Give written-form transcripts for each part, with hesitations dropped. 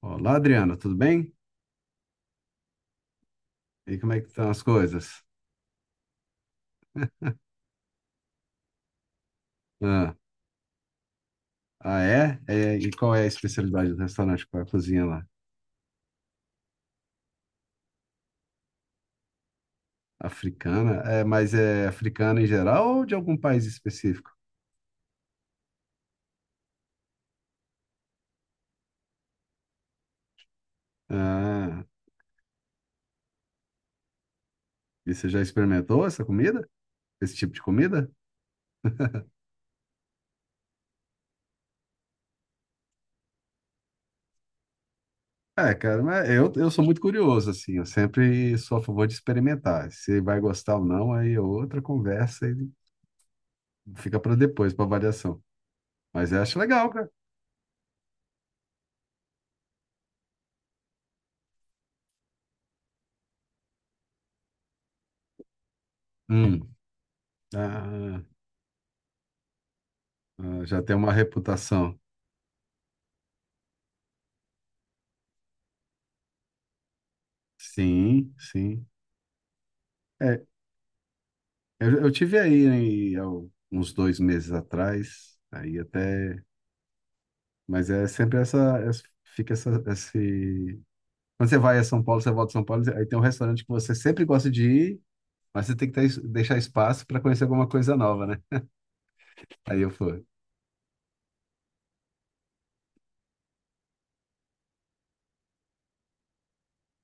Olá, Adriana, tudo bem? E como é que estão as coisas? Ah, ah, é? É, e qual é a especialidade do restaurante? Qual é a cozinha lá? Africana? É, mas é africana em geral ou de algum país específico? Ah, e você já experimentou essa comida? Esse tipo de comida? É, cara, mas eu sou muito curioso, assim, eu sempre sou a favor de experimentar. Se vai gostar ou não, aí é outra conversa e fica para depois, para avaliação. Mas eu acho legal, cara. Hum. Ah, já tem uma reputação. Sim, sim. É, eu tive aí, né, há uns dois meses atrás, aí até, mas é sempre essa, fica essa, esse, quando você vai a São Paulo, você volta a São Paulo, aí tem um restaurante que você sempre gosta de ir, mas você tem que ter, deixar espaço para conhecer alguma coisa nova, né? Aí eu fui.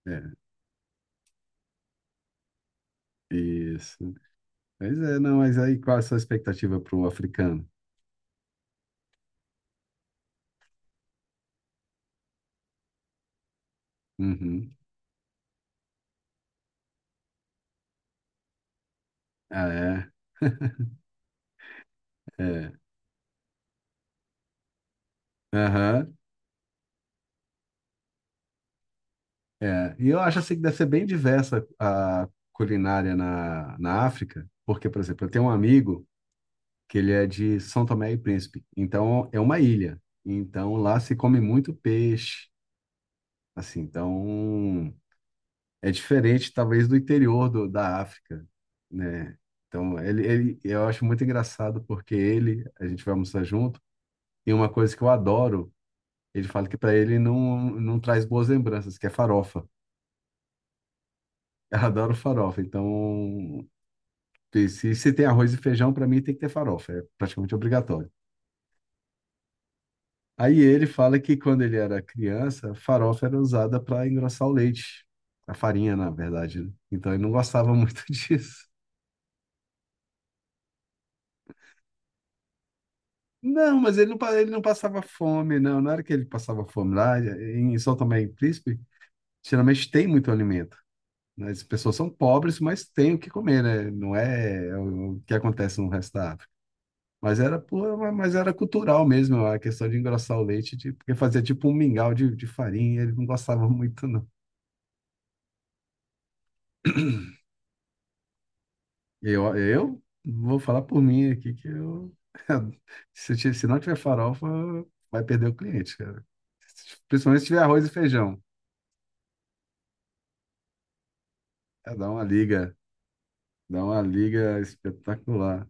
É, isso. Mas é, não, mas aí qual é a sua expectativa para o africano? Uhum. Ah, é? É. Aham. É, e eu acho assim que deve ser bem diversa a culinária na África, porque, por exemplo, eu tenho um amigo que ele é de São Tomé e Príncipe, então é uma ilha, então lá se come muito peixe, assim, então é diferente talvez do interior da África, né? Então eu acho muito engraçado porque ele, a gente vai almoçar junto, e uma coisa que eu adoro, ele fala que para ele não traz boas lembranças, que é farofa. Eu adoro farofa, então. Se tem arroz e feijão, para mim tem que ter farofa, é praticamente obrigatório. Aí ele fala que quando ele era criança, a farofa era usada para engrossar o leite, a farinha, na verdade, né? Então ele não gostava muito disso. Não, mas ele não passava fome, não. Na hora que ele passava fome lá, em São Tomé e Príncipe, geralmente tem muito alimento, né? As pessoas são pobres, mas têm o que comer, né? Não é o que acontece no resto da África. Mas era cultural mesmo, a questão de engrossar o leite, porque fazia tipo um mingau de farinha, ele não gostava muito, não. Eu vou falar por mim aqui que se não tiver farofa, vai perder o cliente, cara. Principalmente se tiver arroz e feijão. É, dá uma liga espetacular.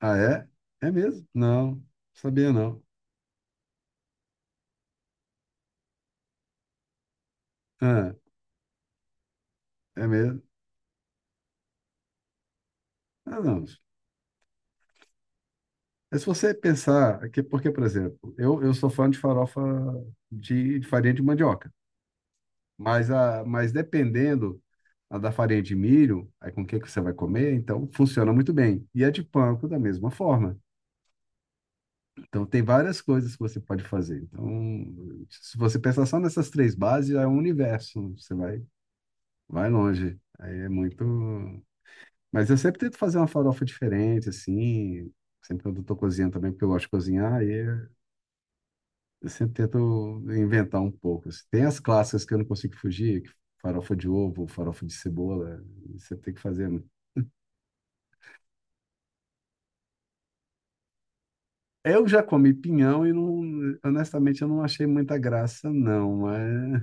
Ah, é? É mesmo? Não, sabia não. Ah, é mesmo? Ah, não. Mas se você pensar, é que, porque, por exemplo, eu sou fã de farofa de farinha de mandioca, mas, mas dependendo a da farinha de milho, aí com o que que você vai comer, então funciona muito bem. E a de panko da mesma forma. Então tem várias coisas que você pode fazer. Então, se você pensar só nessas três bases, já é um universo, você vai, vai longe. Aí é muito. Mas eu sempre tento fazer uma farofa diferente, assim. Sempre quando eu tô cozinhando também, porque eu gosto de cozinhar. Aí é Eu sempre tento inventar um pouco, assim. Tem as clássicas que eu não consigo fugir, que farofa de ovo, farofa de cebola, você tem que fazer. Eu já comi pinhão e não, honestamente eu não achei muita graça, não. Mas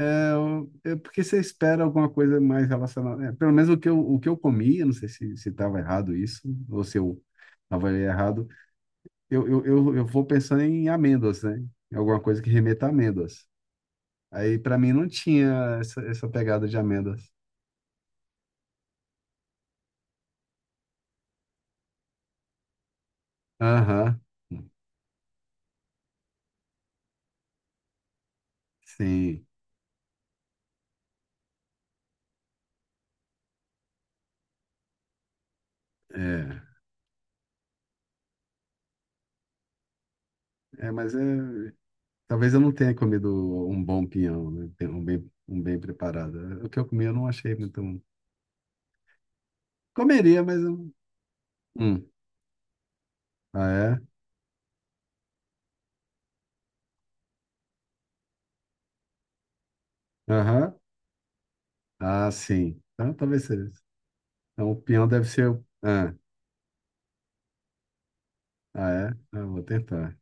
é porque você espera alguma coisa mais relacionada. É, pelo menos o que eu comi, eu não sei se estava errado isso, ou se eu avaliei errado. Eu vou pensando em amêndoas, né? Em alguma coisa que remeta a amêndoas. Aí para mim não tinha essa pegada de amêndoas. Aham, sim, é, é, mas é, talvez eu não tenha comido um bom pinhão, né? Tem um bem preparado. É, o que eu comi eu não achei muito um. Comeria, mas eu... Hum. Ah, é? Aham. Ah, sim. Então talvez seja isso. Então o pinhão deve ser. Ah, é? Ah, vou tentar.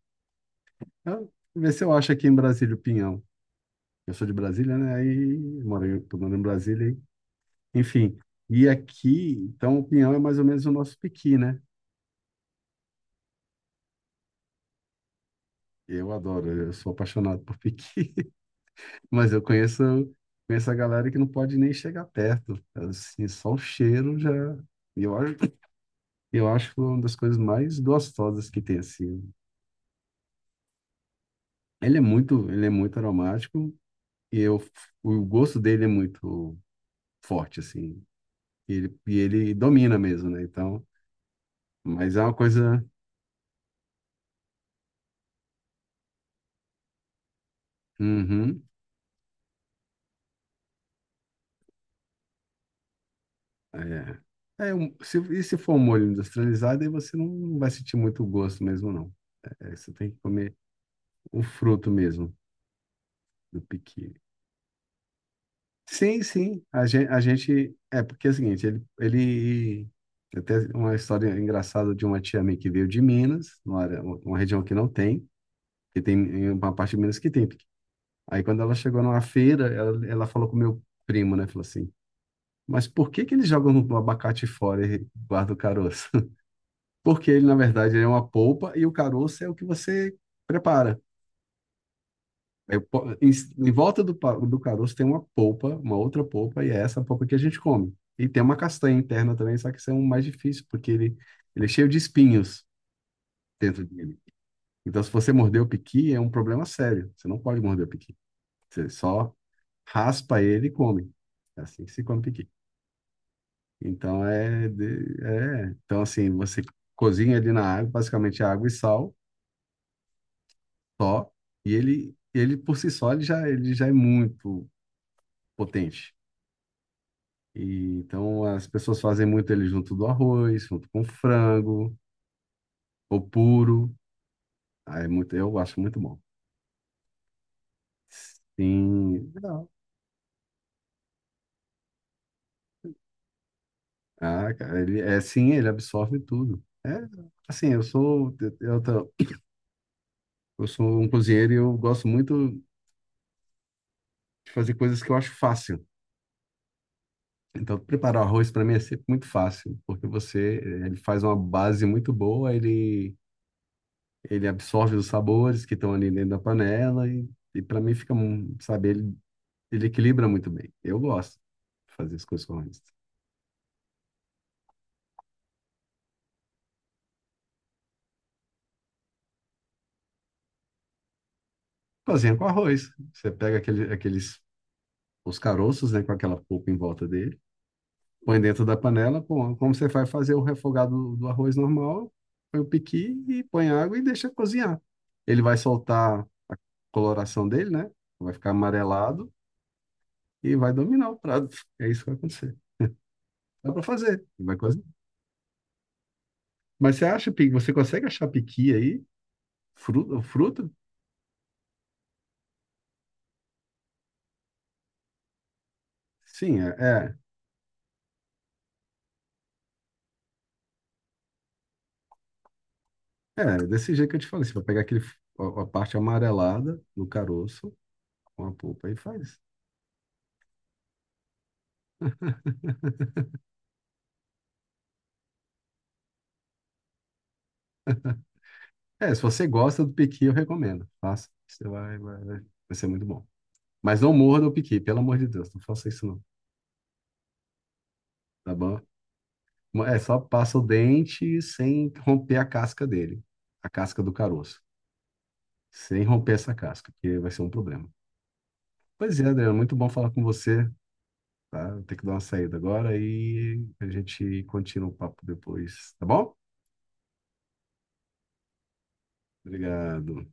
Então, ver se eu acho aqui em Brasília o pinhão. Eu sou de Brasília, né? Aí tô morando em Brasília, aí. Enfim, e aqui, então o pinhão é mais ou menos o nosso piqui, né? Eu adoro, eu sou apaixonado por piqui, mas eu conheço, a galera que não pode nem chegar perto. Assim, só o cheiro já. E eu acho que é uma das coisas mais gostosas que tem, assim. Ele é muito aromático e o gosto dele é muito forte, assim. E ele domina mesmo, né? Então, mas é uma coisa. Uhum, é. É, um- se, e se for um molho industrializado, aí você não vai sentir muito gosto mesmo, não. É, você tem que comer o fruto mesmo do piqui. Sim, sim. A gente é porque é o seguinte, ele até uma história engraçada de uma tia minha que veio de Minas, uma região que não tem, que tem uma parte de Minas que tem piqui. Aí quando ela chegou numa feira, ela falou com o meu primo, né? Falou assim: "Mas por que que eles jogam o abacate fora e guardam o caroço?" Porque ele, na verdade, é uma polpa e o caroço é o que você prepara. Em em volta do caroço tem uma polpa, uma outra polpa, e é essa polpa que a gente come. E tem uma castanha interna também, só que isso é um mais difícil, porque ele é cheio de espinhos dentro dele. Então, se você morder o piqui, é um problema sério. Você não pode morder o piqui. Você só raspa ele e come. É assim que se come piqui. Então, é. Então, assim, você cozinha ele na água, basicamente é água e sal, só. E ele por si só, ele já é muito potente. E, então as pessoas fazem muito ele junto do arroz, junto com frango, ou puro. Ah, é muito, eu acho muito bom. Sim. Não. Ah, cara, ele é sim, ele absorve tudo. É, assim, eu, tô- eu sou um cozinheiro e eu gosto muito de fazer coisas que eu acho fácil. Então, preparar o arroz para mim é sempre muito fácil, porque ele faz uma base muito boa, ele absorve os sabores que estão ali dentro da panela e para mim fica, sabe, ele equilibra muito bem. Eu gosto de fazer as coisas com arroz. Cozinha com arroz. Você pega os caroços, né, com aquela polpa em volta dele, põe dentro da panela, pô, como você vai fazer o refogado do arroz normal, põe o piqui e põe água e deixa cozinhar. Ele vai soltar a coloração dele, né? Vai ficar amarelado e vai dominar o prato. É isso que vai acontecer. Dá para fazer, vai cozinhar. Mas você acha, você consegue achar piqui aí? Fruta, fruta? Sim, É, desse jeito que eu te falei, você vai pegar a parte amarelada do caroço com a polpa e faz. É, se você gosta do piqui, eu recomendo. Faça. Você vai, vai, vai. Vai ser muito bom. Mas não morda o piqui, pelo amor de Deus, não faça isso não, tá bom? É, só passa o dente sem romper a casca dele, a casca do caroço. Sem romper essa casca, porque vai ser um problema. Pois é, Adriano, muito bom falar com você, tá? Vou ter que dar uma saída agora e a gente continua o papo depois, tá bom? Obrigado.